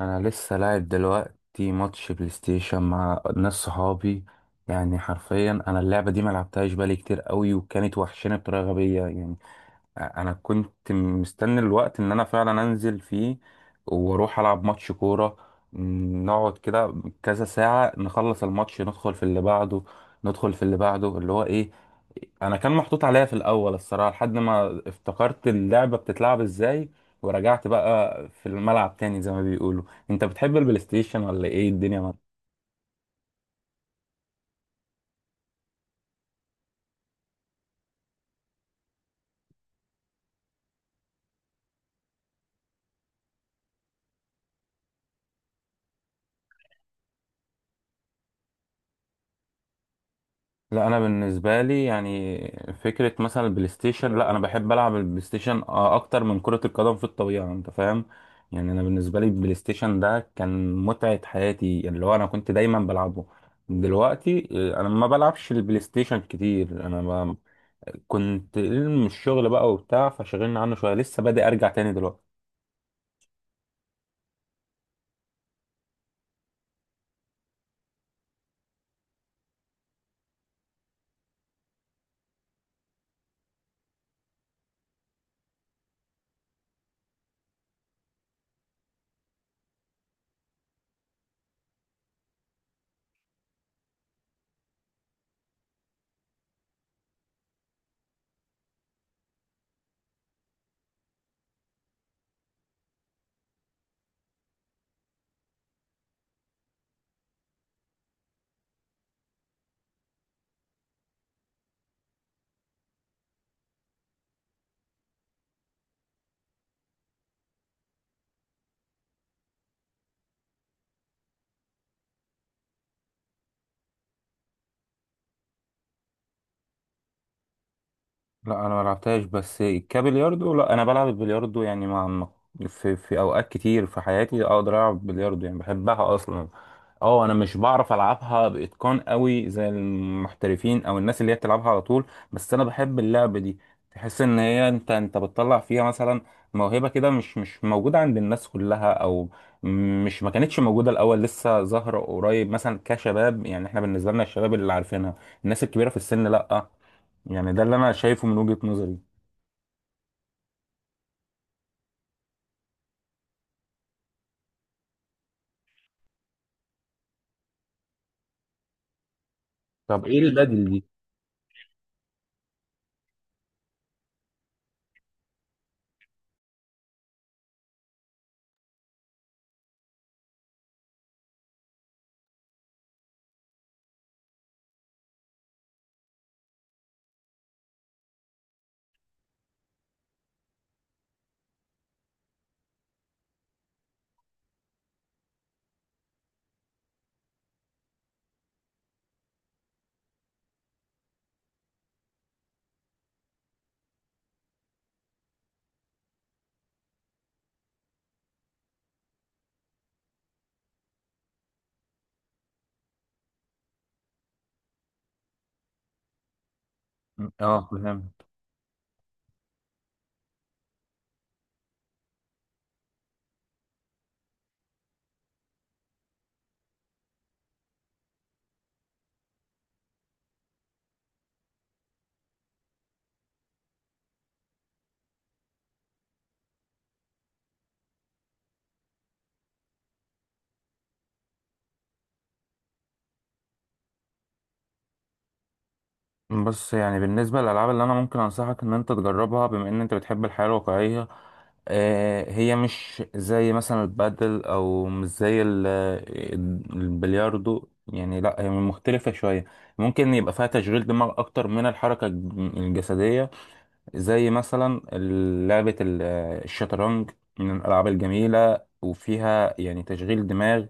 انا لسه لاعب دلوقتي ماتش بلاي ستيشن مع ناس صحابي. يعني حرفيا انا اللعبه دي ما لعبتهاش بقالي كتير قوي، وكانت وحشانه بطريقه غبيه يعني. انا كنت مستني الوقت ان انا فعلا انزل فيه واروح العب ماتش كوره. نقعد كده كذا ساعه، نخلص الماتش ندخل في اللي بعده. ندخل في اللي بعده اللي هو ايه؟ انا كان محطوط عليا في الاول الصراحه لحد ما افتكرت اللعبه بتتلعب ازاي، ورجعت بقى في الملعب تاني زي ما بيقولوا. انت بتحب البلاي ستيشن ولا ايه الدنيا؟ لا انا بالنسبه لي يعني فكره مثلا البلاي ستيشن، لا انا بحب العب البلاي ستيشن اكتر من كره القدم في الطبيعه، انت فاهم. يعني انا بالنسبه لي البلاي ستيشن ده كان متعه حياتي، يعني اللي هو انا كنت دايما بلعبه. دلوقتي انا ما بلعبش البلاي ستيشن كتير، كنت من الشغل بقى وبتاع، فشغلنا عنه شويه، لسه بادئ ارجع تاني دلوقتي. لا انا ما لعبتهاش، بس كبلياردو لا انا بلعب البلياردو، يعني في اوقات كتير في حياتي اقدر العب بلياردو، يعني بحبها اصلا. اه انا مش بعرف العبها باتقان قوي زي المحترفين او الناس اللي هي بتلعبها على طول، بس انا بحب اللعبه دي. تحس ان هي انت بتطلع فيها مثلا موهبه كده مش موجوده عند الناس كلها، او مش ما كانتش موجوده الاول، لسه ظاهره قريب مثلا كشباب. يعني احنا بالنسبه لنا الشباب اللي عارفينها، الناس الكبيره في السن لا. يعني ده اللي انا شايفه من وجهة نظري. طب ايه البدل دي؟ اه فهمت. بص، يعني بالنسبة للألعاب اللي أنا ممكن أنصحك إن أنت تجربها، بما إن أنت بتحب الحياة الواقعية، هي مش زي مثلا البادل أو مش زي البلياردو، يعني لأ هي مختلفة شوية. ممكن يبقى فيها تشغيل دماغ أكتر من الحركة الجسدية، زي مثلا لعبة الشطرنج. من الألعاب الجميلة، وفيها يعني تشغيل دماغ،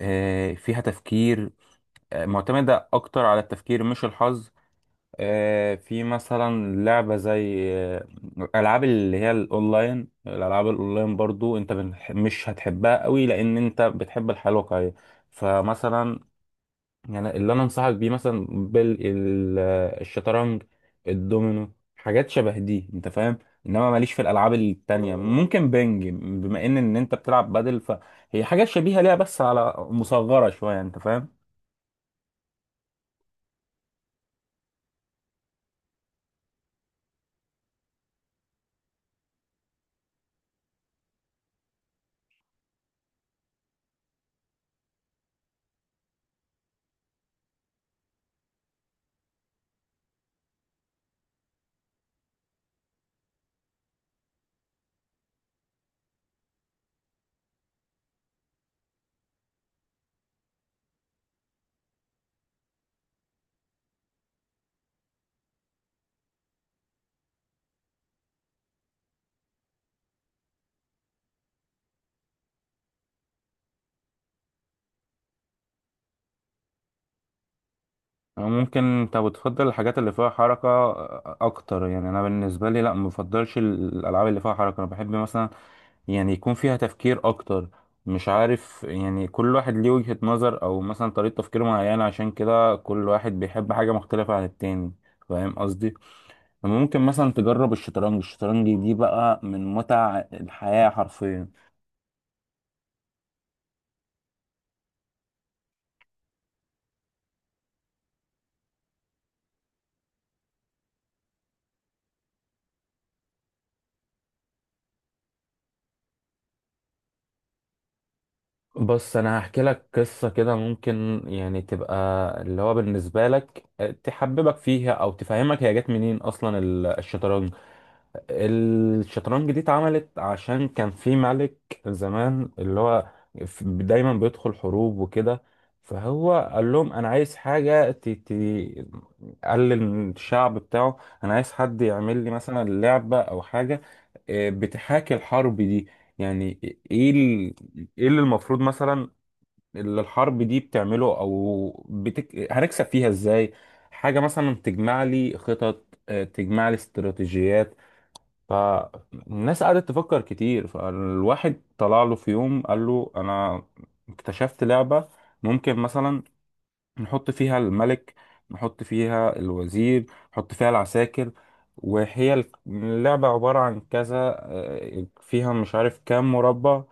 فيها تفكير، معتمدة أكتر على التفكير مش الحظ. في مثلا لعبة زي ألعاب اللي هي الأونلاين، الألعاب الأونلاين برضو أنت مش هتحبها قوي لأن أنت بتحب الحياة الواقعية. فمثلا يعني اللي أنا أنصحك بيه مثلا بالشطرنج، الدومينو، حاجات شبه دي أنت فاهم. انما ماليش في الالعاب التانية. ممكن بنج، بما ان انت بتلعب بدل، فهي حاجات شبيهة ليها بس على مصغرة شوية، انت فاهم. ممكن انت بتفضل الحاجات اللي فيها حركة اكتر. يعني انا بالنسبة لي لا مفضلش الالعاب اللي فيها حركة، انا بحب مثلا يعني يكون فيها تفكير اكتر. مش عارف، يعني كل واحد ليه وجهة نظر او مثلا طريقة تفكير معينة، عشان كده كل واحد بيحب حاجة مختلفة عن التاني، فاهم قصدي. ممكن مثلا تجرب الشطرنج. الشطرنج دي بقى من متع الحياة حرفيا. بص انا هحكي لك قصه كده، ممكن يعني تبقى اللي هو بالنسبه لك تحببك فيها او تفهمك هي جت منين اصلا الشطرنج. الشطرنج دي اتعملت عشان كان في ملك زمان، اللي هو دايما بيدخل حروب وكده. فهو قال لهم انا عايز حاجه قال للشعب بتاعه انا عايز حد يعمل لي مثلا لعبه او حاجه بتحاكي الحرب دي. يعني ايه ايه اللي المفروض مثلا اللي الحرب دي بتعمله، او هنكسب فيها ازاي؟ حاجة مثلا تجمع لي خطط، تجمع لي استراتيجيات. فالناس قعدت تفكر كتير، فالواحد طلع له في يوم قال له انا اكتشفت لعبة ممكن مثلا نحط فيها الملك، نحط فيها الوزير، نحط فيها العساكر، وهي اللعبة عبارة عن كذا، فيها مش عارف كام مربع،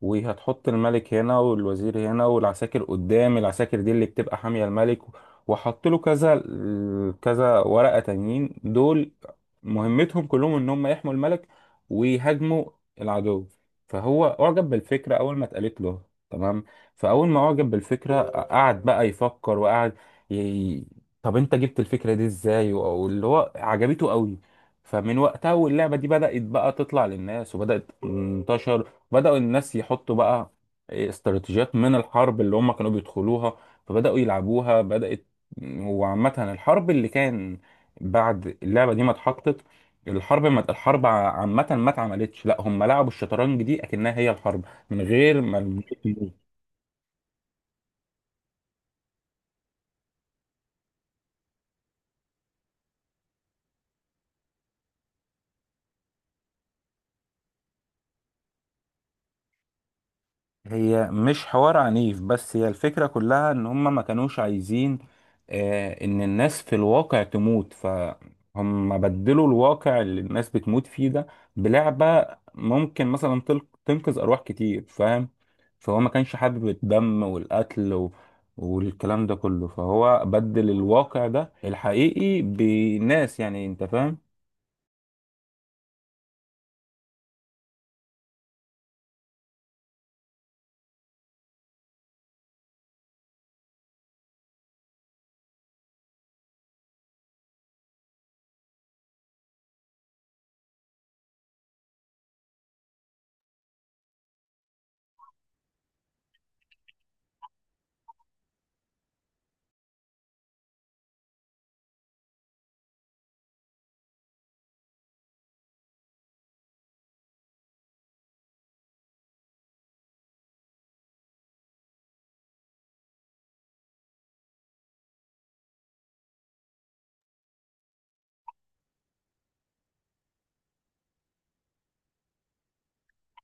وهتحط الملك هنا والوزير هنا والعساكر قدام. العساكر دي اللي بتبقى حامية الملك، وحط له كذا كذا ورقة تانيين دول، مهمتهم كلهم ان هم يحموا الملك ويهاجموا العدو. فهو اعجب بالفكرة اول ما اتقالت له، تمام. فاول ما اعجب بالفكره قعد بقى يفكر، ي... طب انت جبت الفكره دي ازاي؟ واللي هو عجبته قوي. فمن وقتها واللعبه دي بدات بقى تطلع للناس وبدات تنتشر، بداوا الناس يحطوا بقى استراتيجيات من الحرب اللي هم كانوا بيدخلوها، فبداوا يلعبوها بدات. وعامه الحرب اللي كان بعد اللعبه دي ما اتحطت، الحرب عامه ما اتعملتش، لا هم لعبوا الشطرنج دي اكنها هي الحرب من غير ما. هي مش حوار عنيف، بس هي الفكرة كلها ان هم ما كانوش عايزين ان الناس في الواقع تموت، فهم بدلوا الواقع اللي الناس بتموت فيه ده بلعبة. ممكن مثلا تنقذ ارواح كتير، فاهم. فهو ما كانش حابب الدم والقتل والكلام ده كله، فهو بدل الواقع ده الحقيقي بناس، يعني انت فاهم.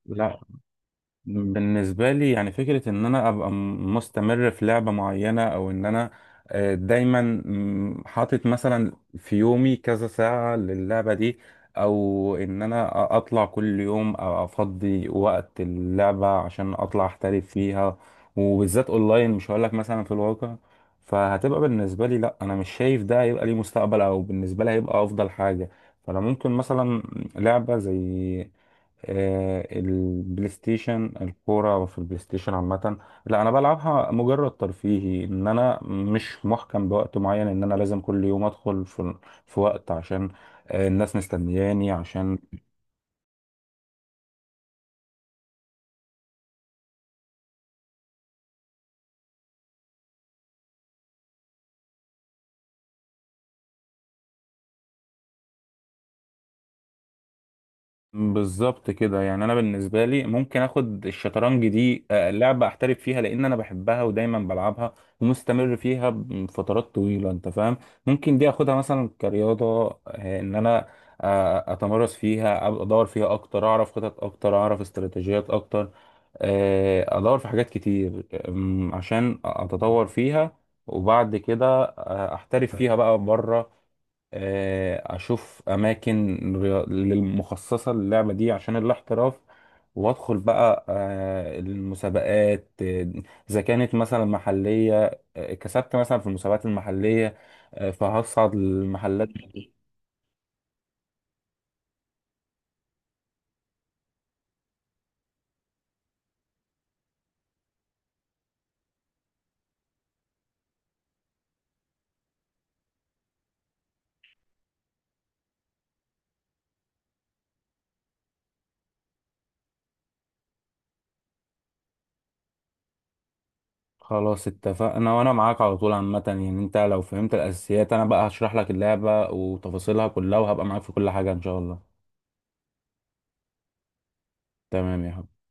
لا، بالنسبة لي يعني فكرة إن أنا أبقى مستمر في لعبة معينة، أو إن أنا دايما حاطط مثلا في يومي كذا ساعة للعبة دي، أو إن أنا أطلع كل يوم أو أفضي وقت اللعبة عشان أطلع أحترف فيها، وبالذات أونلاين مش هقولك مثلا في الواقع. فهتبقى بالنسبة لي لأ، أنا مش شايف ده هيبقى ليه مستقبل، أو بالنسبة لي هيبقى أفضل حاجة. فأنا ممكن مثلا لعبة زي البلاي ستيشن، الكورة في البلاي ستيشن عامة، لا أنا بلعبها مجرد ترفيهي، إن أنا مش محكم بوقت معين إن أنا لازم كل يوم أدخل في وقت عشان الناس مستنياني عشان. بالظبط كده، يعني انا بالنسبه لي ممكن اخد الشطرنج دي لعبه احترف فيها، لان انا بحبها ودايما بلعبها ومستمر فيها فترات طويله انت فاهم. ممكن دي اخدها مثلا كرياضه، ان انا اتمرس فيها، أبقى ادور فيها اكتر، اعرف خطط اكتر، اعرف استراتيجيات اكتر، ادور في حاجات كتير، عشان اتطور فيها. وبعد كده احترف فيها بقى بره، اشوف اماكن للمخصصه للعبه دي عشان الاحتراف، وادخل بقى المسابقات، اذا كانت مثلا محليه، كسبت مثلا في المسابقات المحليه، فهصعد للمحلات دي. خلاص اتفقنا، وانا معاك على طول عامه. يعني انت لو فهمت الاساسيات، انا بقى هشرح لك اللعبه وتفاصيلها كلها، وهبقى معاك في كل حاجه ان شاء الله. تمام يا حبيبي.